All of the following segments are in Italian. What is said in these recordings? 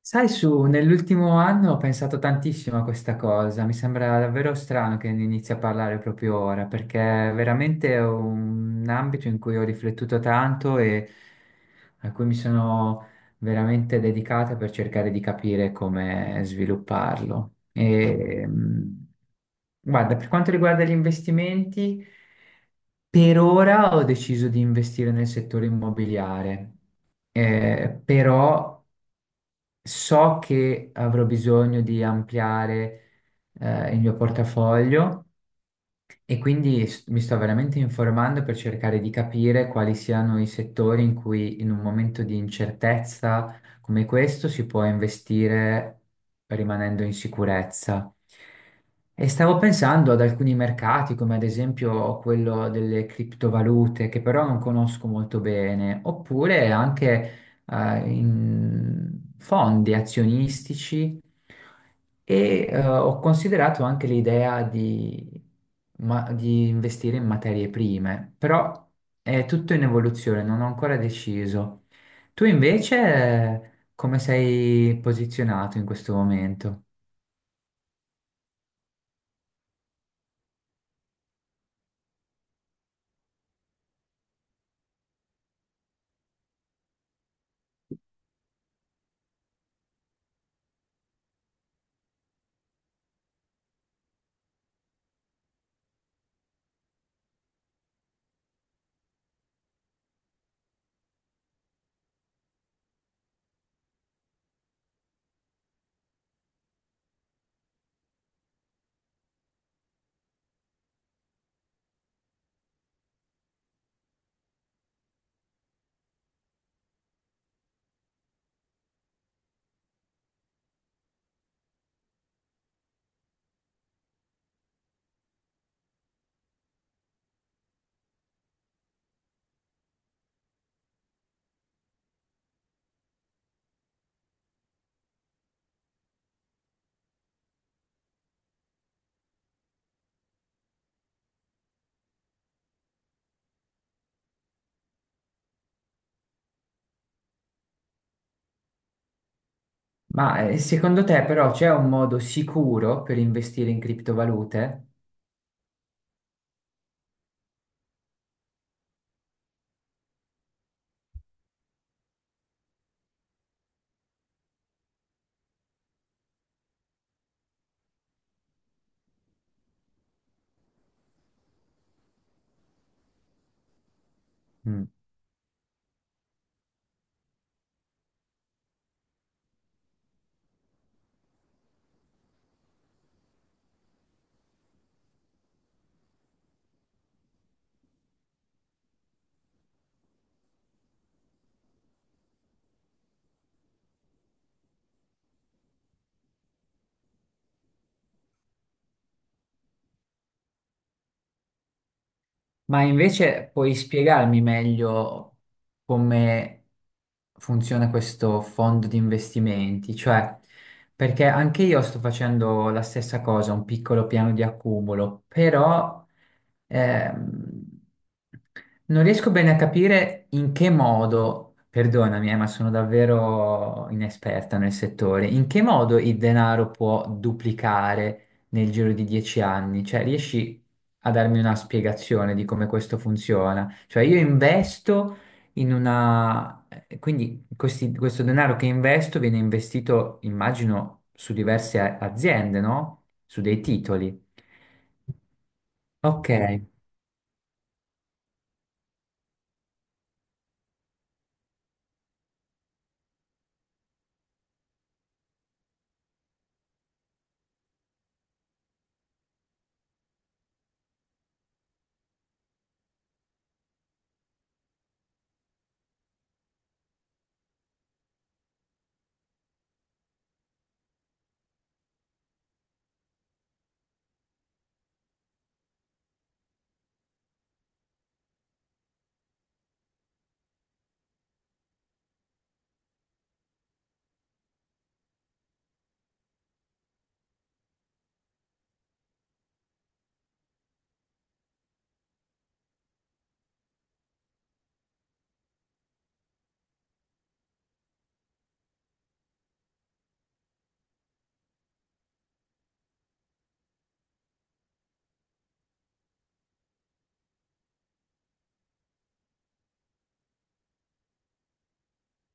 Sai, su, nell'ultimo anno ho pensato tantissimo a questa cosa, mi sembra davvero strano che ne inizi a parlare proprio ora, perché è veramente un ambito in cui ho riflettuto tanto e a cui mi sono veramente dedicata per cercare di capire come svilupparlo. E, guarda, per quanto riguarda gli investimenti, per ora ho deciso di investire nel settore immobiliare, però so che avrò bisogno di ampliare il mio portafoglio e quindi mi sto veramente informando per cercare di capire quali siano i settori in cui in un momento di incertezza come questo si può investire rimanendo in sicurezza. E stavo pensando ad alcuni mercati, come ad esempio quello delle criptovalute, che però non conosco molto bene, oppure anche in fondi azionistici e ho considerato anche l'idea di, di investire in materie prime, però è tutto in evoluzione, non ho ancora deciso. Tu invece come sei posizionato in questo momento? Ma secondo te però c'è un modo sicuro per investire in criptovalute? Mm. Ma invece puoi spiegarmi meglio come funziona questo fondo di investimenti? Cioè, perché anche io sto facendo la stessa cosa, un piccolo piano di accumulo, però ehm, non riesco bene a capire in che modo, perdonami, ma sono davvero inesperta nel settore, in che modo il denaro può duplicare nel giro di 10 anni? Cioè, riesci a darmi una spiegazione di come questo funziona? Cioè, io investo in una... quindi questo denaro che investo viene investito, immagino, su diverse aziende, no? Su dei titoli. Ok,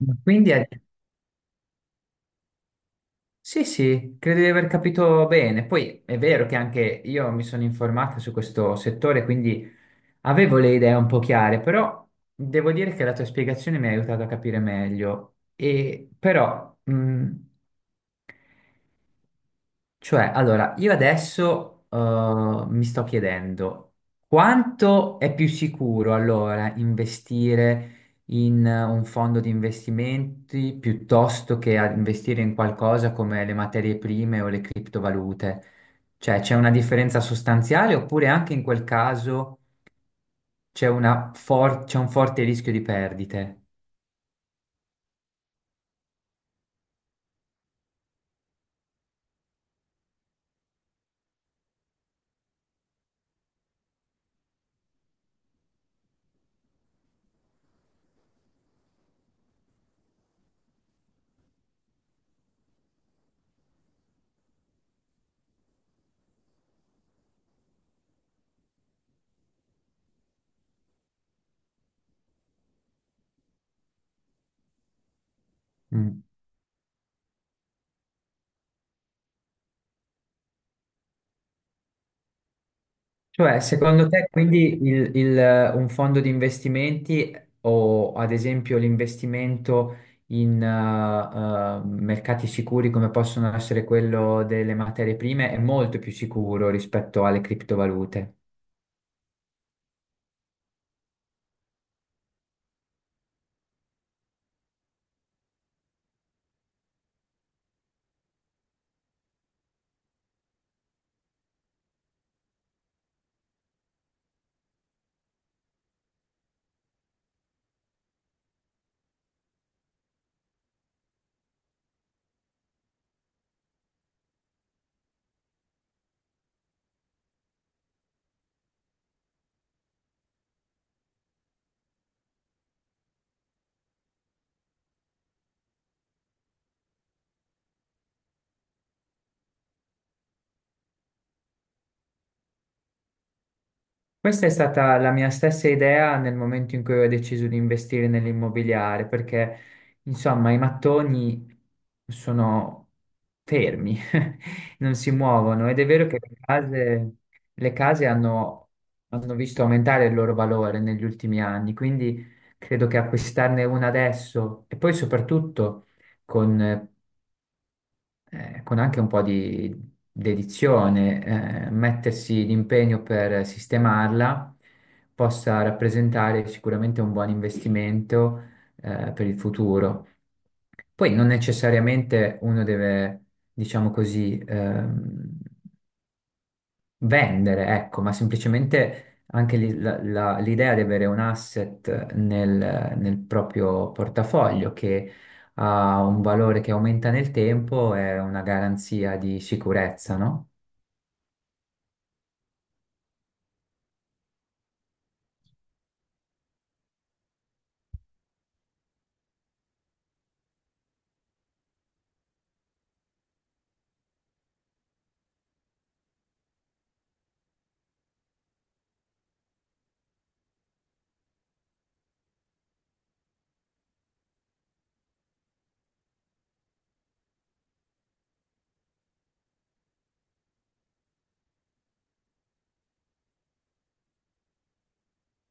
ma quindi è- sì, sì, credo di aver capito bene. Poi è vero che anche io mi sono informata su questo settore, quindi avevo le idee un po' chiare, però devo dire che la tua spiegazione mi ha aiutato a capire meglio. E però, cioè, allora, io adesso mi sto chiedendo quanto è più sicuro allora investire in un fondo di investimenti piuttosto che investire in qualcosa come le materie prime o le criptovalute? Cioè, c'è una differenza sostanziale oppure anche in quel caso... c'è un forte rischio di perdite. Mm. Cioè, secondo te, quindi un fondo di investimenti o ad esempio l'investimento in mercati sicuri come possono essere quello delle materie prime è molto più sicuro rispetto alle criptovalute? Questa è stata la mia stessa idea nel momento in cui ho deciso di investire nell'immobiliare, perché insomma i mattoni sono fermi, non si muovono ed è vero che le case hanno visto aumentare il loro valore negli ultimi anni, quindi credo che acquistarne una adesso e poi soprattutto con con anche un po' di dedizione, mettersi l'impegno per sistemarla possa rappresentare sicuramente un buon investimento, per il futuro. Poi non necessariamente uno deve, diciamo così, vendere, ecco, ma semplicemente anche lì l'idea di avere un asset nel proprio portafoglio che ha un valore che aumenta nel tempo è una garanzia di sicurezza, no?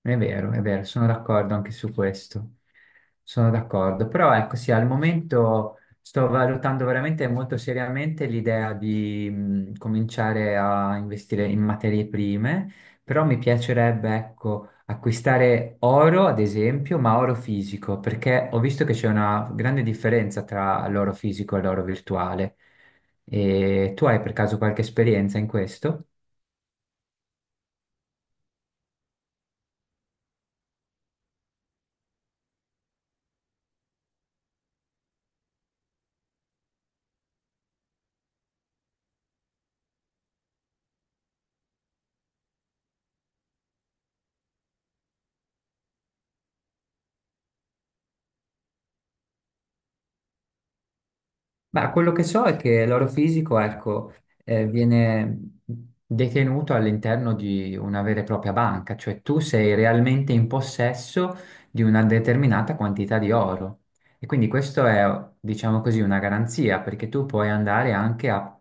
È vero, sono d'accordo anche su questo. Sono d'accordo, però ecco sì, al momento sto valutando veramente molto seriamente l'idea di cominciare a investire in materie prime, però mi piacerebbe ecco acquistare oro, ad esempio, ma oro fisico, perché ho visto che c'è una grande differenza tra l'oro fisico e l'oro virtuale. E tu hai per caso qualche esperienza in questo? Ma quello che so è che l'orofisico, ecco, viene detenuto all'interno di una vera e propria banca, cioè tu sei realmente in possesso di una determinata quantità di oro. E quindi questo è, diciamo così, una garanzia, perché tu puoi andare anche a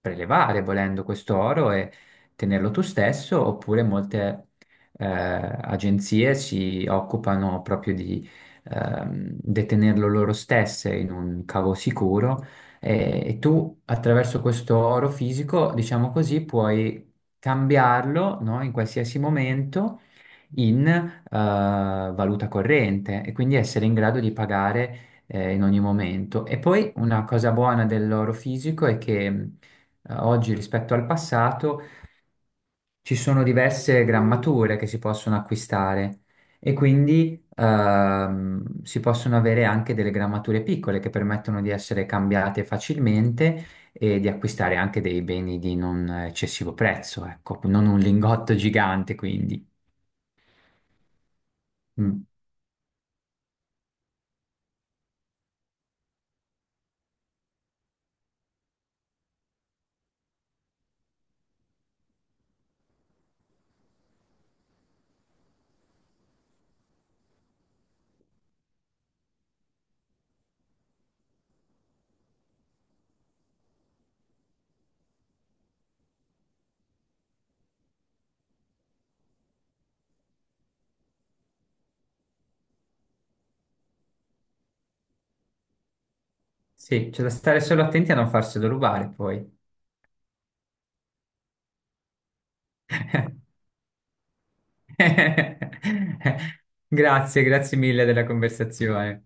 prelevare, volendo questo oro e tenerlo tu stesso, oppure molte agenzie si occupano proprio di detenerlo loro stesse in un cavo sicuro e tu attraverso questo oro fisico, diciamo così, puoi cambiarlo, no, in qualsiasi momento in valuta corrente e quindi essere in grado di pagare in ogni momento. E poi una cosa buona dell'oro fisico è che oggi rispetto al passato ci sono diverse grammature che si possono acquistare e quindi si possono avere anche delle grammature piccole che permettono di essere cambiate facilmente e di acquistare anche dei beni di non eccessivo prezzo, ecco, non un lingotto gigante, quindi. Mm. Sì, c'è da stare solo attenti a non farselo rubare poi. Grazie, grazie mille della conversazione.